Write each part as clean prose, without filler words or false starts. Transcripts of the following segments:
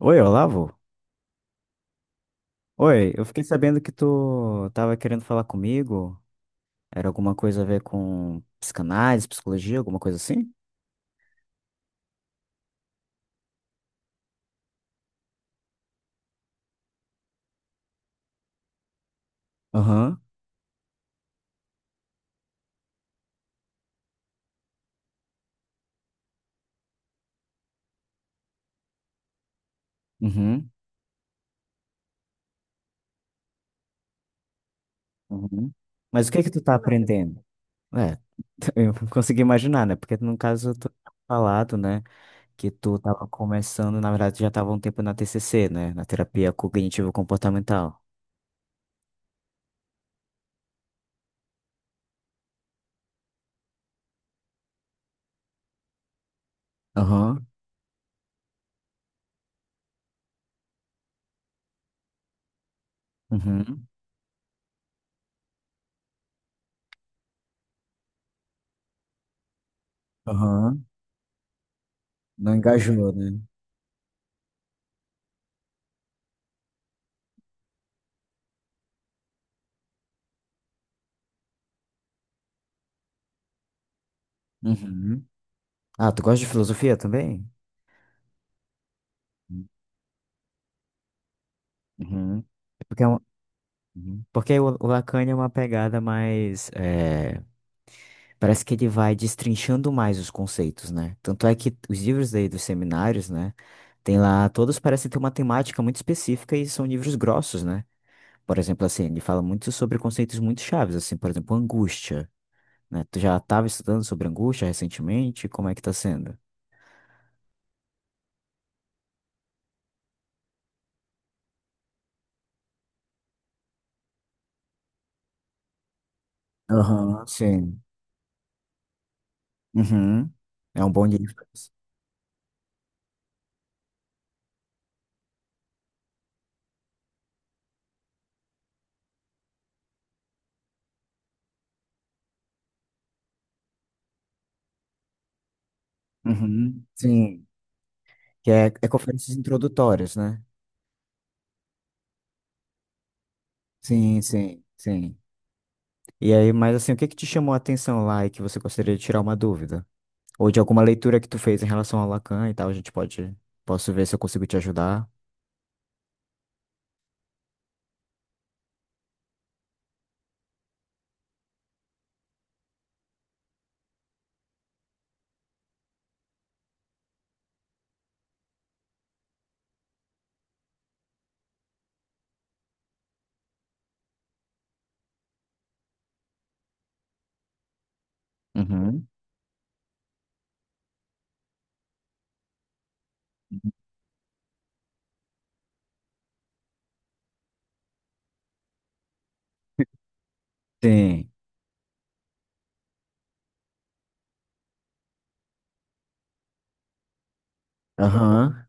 Oi, Olavo? Oi, eu fiquei sabendo que tu tava querendo falar comigo. Era alguma coisa a ver com psicanálise, psicologia, alguma coisa assim? Aham. Uhum. Uhum. Mas o que é que tu tá aprendendo? É, eu consegui imaginar, né? Porque no caso tu tinha falado, né, que tu tava começando, na verdade já tava um tempo na TCC, né, na terapia cognitivo-comportamental. Aham. Uhum. Aham. Não engajou, né? Uhum. Ah, tu gosta de filosofia também? Uhum. É Porque é um Uhum. Porque o Lacan é uma pegada mais, parece que ele vai destrinchando mais os conceitos, né? Tanto é que os livros dele dos seminários, né? Tem lá, todos parecem ter uma temática muito específica e são livros grossos, né? Por exemplo, assim, ele fala muito sobre conceitos muito chaves, assim, por exemplo, angústia, né? Tu já estava estudando sobre angústia recentemente? Como é que tá sendo? Aham, sim. Uhum. É um bom livro. Uhum, sim. Que é conferências introdutórias, né? Sim, sim, sim. E aí, mas assim, o que que te chamou a atenção lá e que você gostaria de tirar uma dúvida? Ou de alguma leitura que tu fez em relação ao Lacan e tal, posso ver se eu consigo te ajudar. Uhum. Sim. Aham.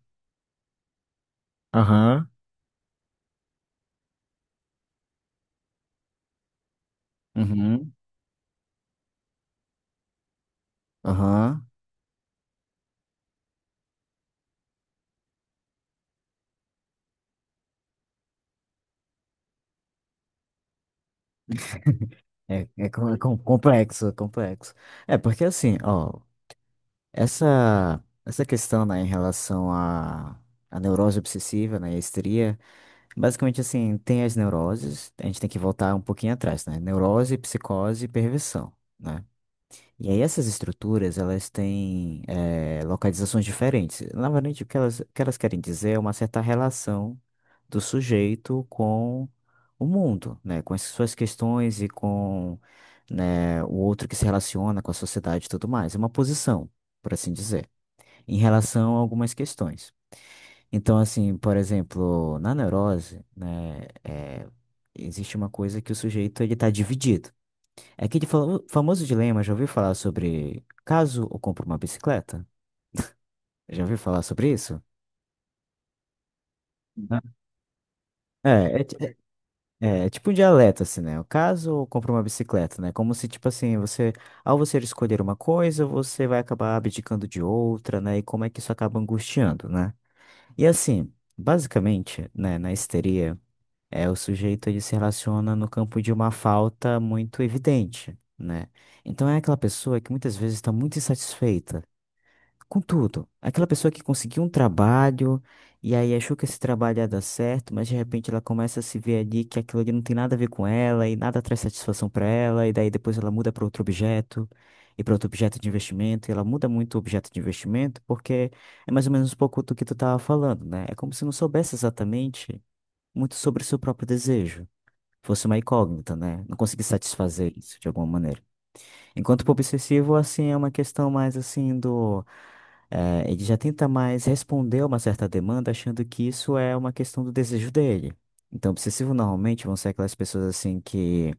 Aham. Uhum. Aham. É complexo. É, porque assim, ó, essa questão, né, em relação à neurose obsessiva, né, e a histeria, basicamente assim, tem as neuroses, a gente tem que voltar um pouquinho atrás, né? Neurose, psicose e perversão, né? E aí essas estruturas, elas têm localizações diferentes. Na verdade, o que elas querem dizer é uma certa relação do sujeito com o mundo, né? Com as suas questões e com, né, o outro que se relaciona com a sociedade e tudo mais. É uma posição, por assim dizer, em relação a algumas questões. Então, assim, por exemplo, na neurose, né, existe uma coisa que o sujeito ele está dividido. É aquele famoso dilema, já ouviu falar sobre caso eu compro uma bicicleta? Já ouviu falar sobre isso? Não. É, é, ti- é tipo um dialeto, assim, né? O caso eu compro uma bicicleta, né? Como se, tipo assim, você, ao você escolher uma coisa, você vai acabar abdicando de outra, né? E como é que isso acaba angustiando, né? E assim, basicamente, né, na histeria, é o sujeito ele se relaciona no campo de uma falta muito evidente, né? Então é aquela pessoa que muitas vezes está muito insatisfeita com tudo. Aquela pessoa que conseguiu um trabalho e aí achou que esse trabalho ia dar certo, mas de repente ela começa a se ver ali que aquilo ali não tem nada a ver com ela e nada traz satisfação para ela, e daí depois ela muda para outro objeto e para outro objeto de investimento, e ela muda muito o objeto de investimento porque é mais ou menos um pouco do que tu tava falando, né? É como se não soubesse exatamente muito sobre o seu próprio desejo. Fosse uma incógnita, né? Não conseguisse satisfazer isso de alguma maneira. Enquanto pro obsessivo, assim, é uma questão mais assim do. Ele já tenta mais responder a uma certa demanda, achando que isso é uma questão do desejo dele. Então, obsessivo normalmente vão ser aquelas pessoas assim que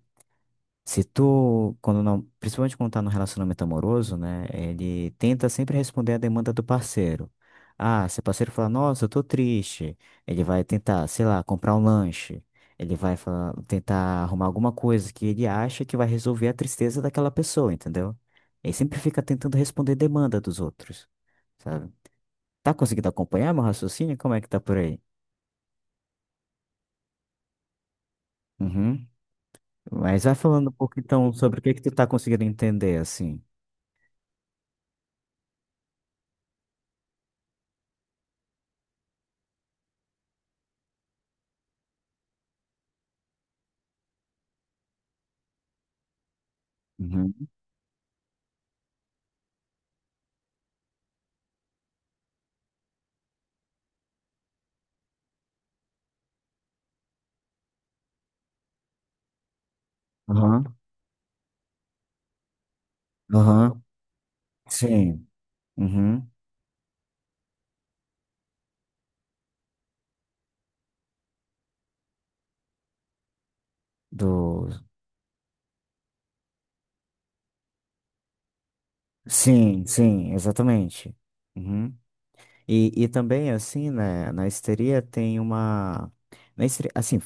se tu, quando não, principalmente quando tá no relacionamento amoroso, né, ele tenta sempre responder a demanda do parceiro. Ah, se o parceiro falar, nossa, eu tô triste, ele vai tentar, sei lá, comprar um lanche. Ele vai tentar arrumar alguma coisa que ele acha que vai resolver a tristeza daquela pessoa, entendeu? Ele sempre fica tentando responder demanda dos outros, sabe? Tá conseguindo acompanhar meu raciocínio? Como é que tá por aí? Uhum. Mas vai falando um pouco então sobre o que que tu tá conseguindo entender, assim. Uhum. Aham. Aham, sim. Uhum. Do... Sim, sim, exatamente. Uhum. E também, assim, né, na histeria tem uma. Na histeria, assim,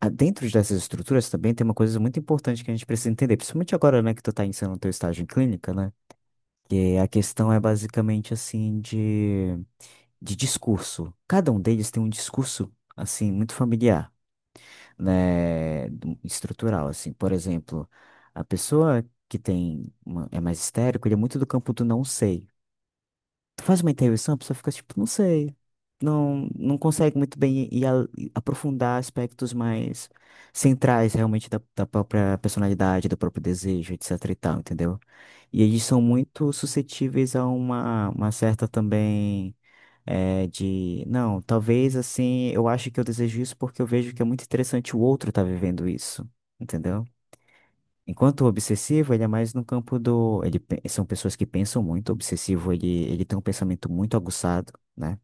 dentro dessas estruturas também tem uma coisa muito importante que a gente precisa entender, principalmente agora, né, que tu tá iniciando o teu estágio em clínica, né, que a questão é basicamente, assim, de, discurso. Cada um deles tem um discurso, assim, muito familiar, né, estrutural, assim. Por exemplo, a pessoa que tem é mais histérico, ele é muito do campo do não sei. Tu faz uma intervenção, a pessoa fica tipo, não sei. Não, não consegue muito bem e aprofundar aspectos mais centrais realmente da própria personalidade, do próprio desejo, etc e tal, entendeu? E eles são muito suscetíveis a uma certa também é de, não, talvez assim, eu acho que eu desejo isso porque eu vejo que é muito interessante o outro estar vivendo isso, entendeu? Enquanto o obsessivo, ele é mais no campo do, são pessoas que pensam muito, o obsessivo, ele tem um pensamento muito aguçado, né?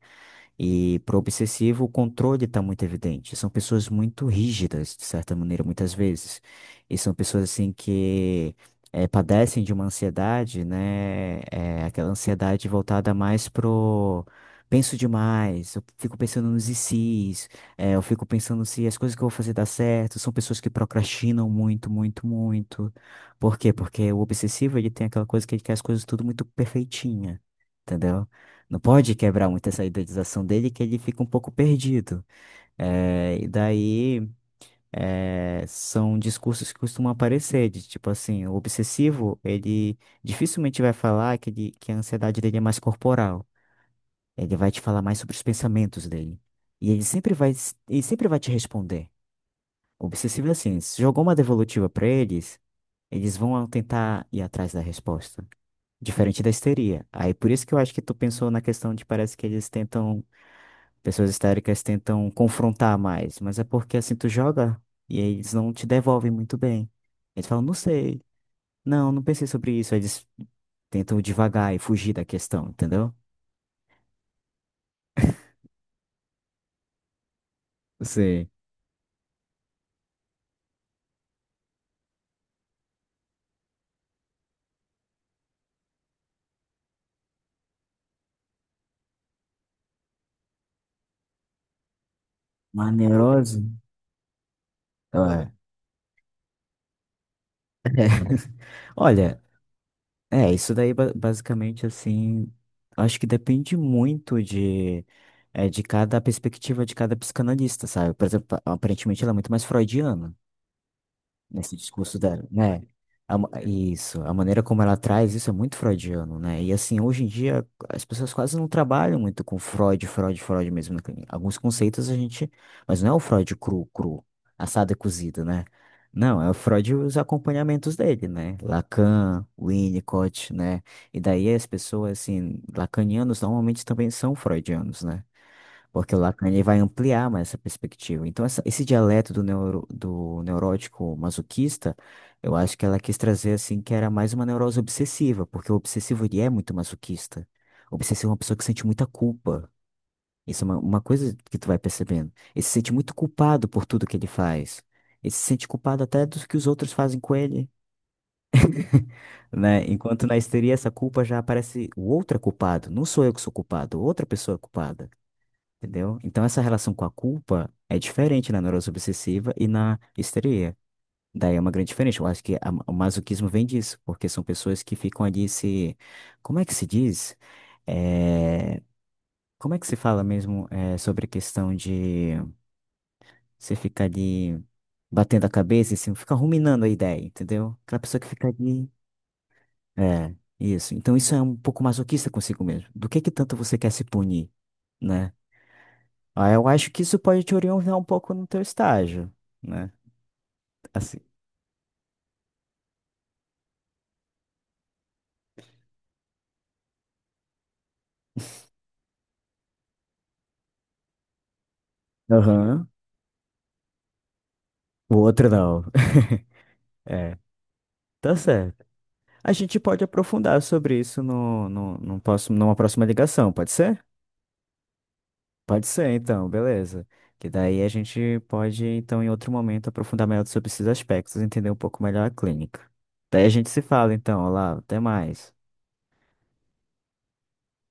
E para o obsessivo, o controle está muito evidente. São pessoas muito rígidas, de certa maneira, muitas vezes. E são pessoas assim que padecem de uma ansiedade, né? Aquela ansiedade voltada mais pro penso demais, eu fico pensando nos e se's, eu fico pensando se as coisas que eu vou fazer dá certo. São pessoas que procrastinam muito, muito, muito. Por quê? Porque o obsessivo ele tem aquela coisa que ele quer as coisas tudo muito perfeitinha, entendeu? Não pode quebrar muito essa idealização dele, que ele fica um pouco perdido. E daí são discursos que costumam aparecer, de tipo assim, o obsessivo, ele dificilmente vai falar que, ele, que a ansiedade dele é mais corporal. Ele vai te falar mais sobre os pensamentos dele. E ele sempre vai te responder. O obsessivo é assim, se jogou uma devolutiva pra eles, eles vão tentar ir atrás da resposta. Diferente da histeria. Aí por isso que eu acho que tu pensou na questão de parece que eles tentam. Pessoas histéricas tentam confrontar mais, mas é porque assim tu joga e aí eles não te devolvem muito bem. Eles falam, não sei, não, não pensei sobre isso. Aí eles tentam devagar e fugir da questão, entendeu? Você. Uma neurose? É. Olha, é, isso daí basicamente assim, acho que depende muito de cada perspectiva de cada psicanalista, sabe? Por exemplo, aparentemente ela é muito mais freudiana nesse discurso dela, né? Isso, a maneira como ela traz isso é muito freudiano, né? E assim, hoje em dia as pessoas quase não trabalham muito com Freud, Freud, Freud mesmo, né? Tem alguns conceitos a gente, mas não é o Freud cru, cru, assado e cozido, né? Não, é o Freud e os acompanhamentos dele, né? Lacan, Winnicott, né? E daí as pessoas, assim, lacanianos normalmente também são freudianos, né? Porque o Lacan ele vai ampliar mais essa perspectiva. Então, esse dialeto do neurótico masoquista, eu acho que ela quis trazer assim que era mais uma neurose obsessiva, porque o obsessivo ele é muito masoquista. O obsessivo é uma pessoa que sente muita culpa. Isso é uma coisa que tu vai percebendo. Ele se sente muito culpado por tudo que ele faz. Ele se sente culpado até dos que os outros fazem com ele, né? Enquanto na histeria essa culpa já aparece o outro é culpado. Não sou eu que sou culpado, outra pessoa é culpada. Entendeu? Então, essa relação com a culpa é diferente na neurose obsessiva e na histeria. Daí é uma grande diferença. Eu acho que o masoquismo vem disso, porque são pessoas que ficam ali se. Como é que se diz? É, Como é que se fala mesmo sobre a questão de você ficar ali batendo a cabeça e assim, ficar ruminando a ideia, entendeu? Aquela pessoa que fica ali. É, isso. Então, isso é um pouco masoquista consigo mesmo. Do que tanto você quer se punir, né? Ah, eu acho que isso pode te orientar um pouco no teu estágio, né? Assim. Aham. O outro não. É, tá certo. A gente pode aprofundar sobre isso no próximo, numa próxima ligação, pode ser? Pode ser, então, beleza. Que daí a gente pode, então, em outro momento, aprofundar melhor sobre esses aspectos, entender um pouco melhor a clínica. Daí a gente se fala, então, Olá, até mais.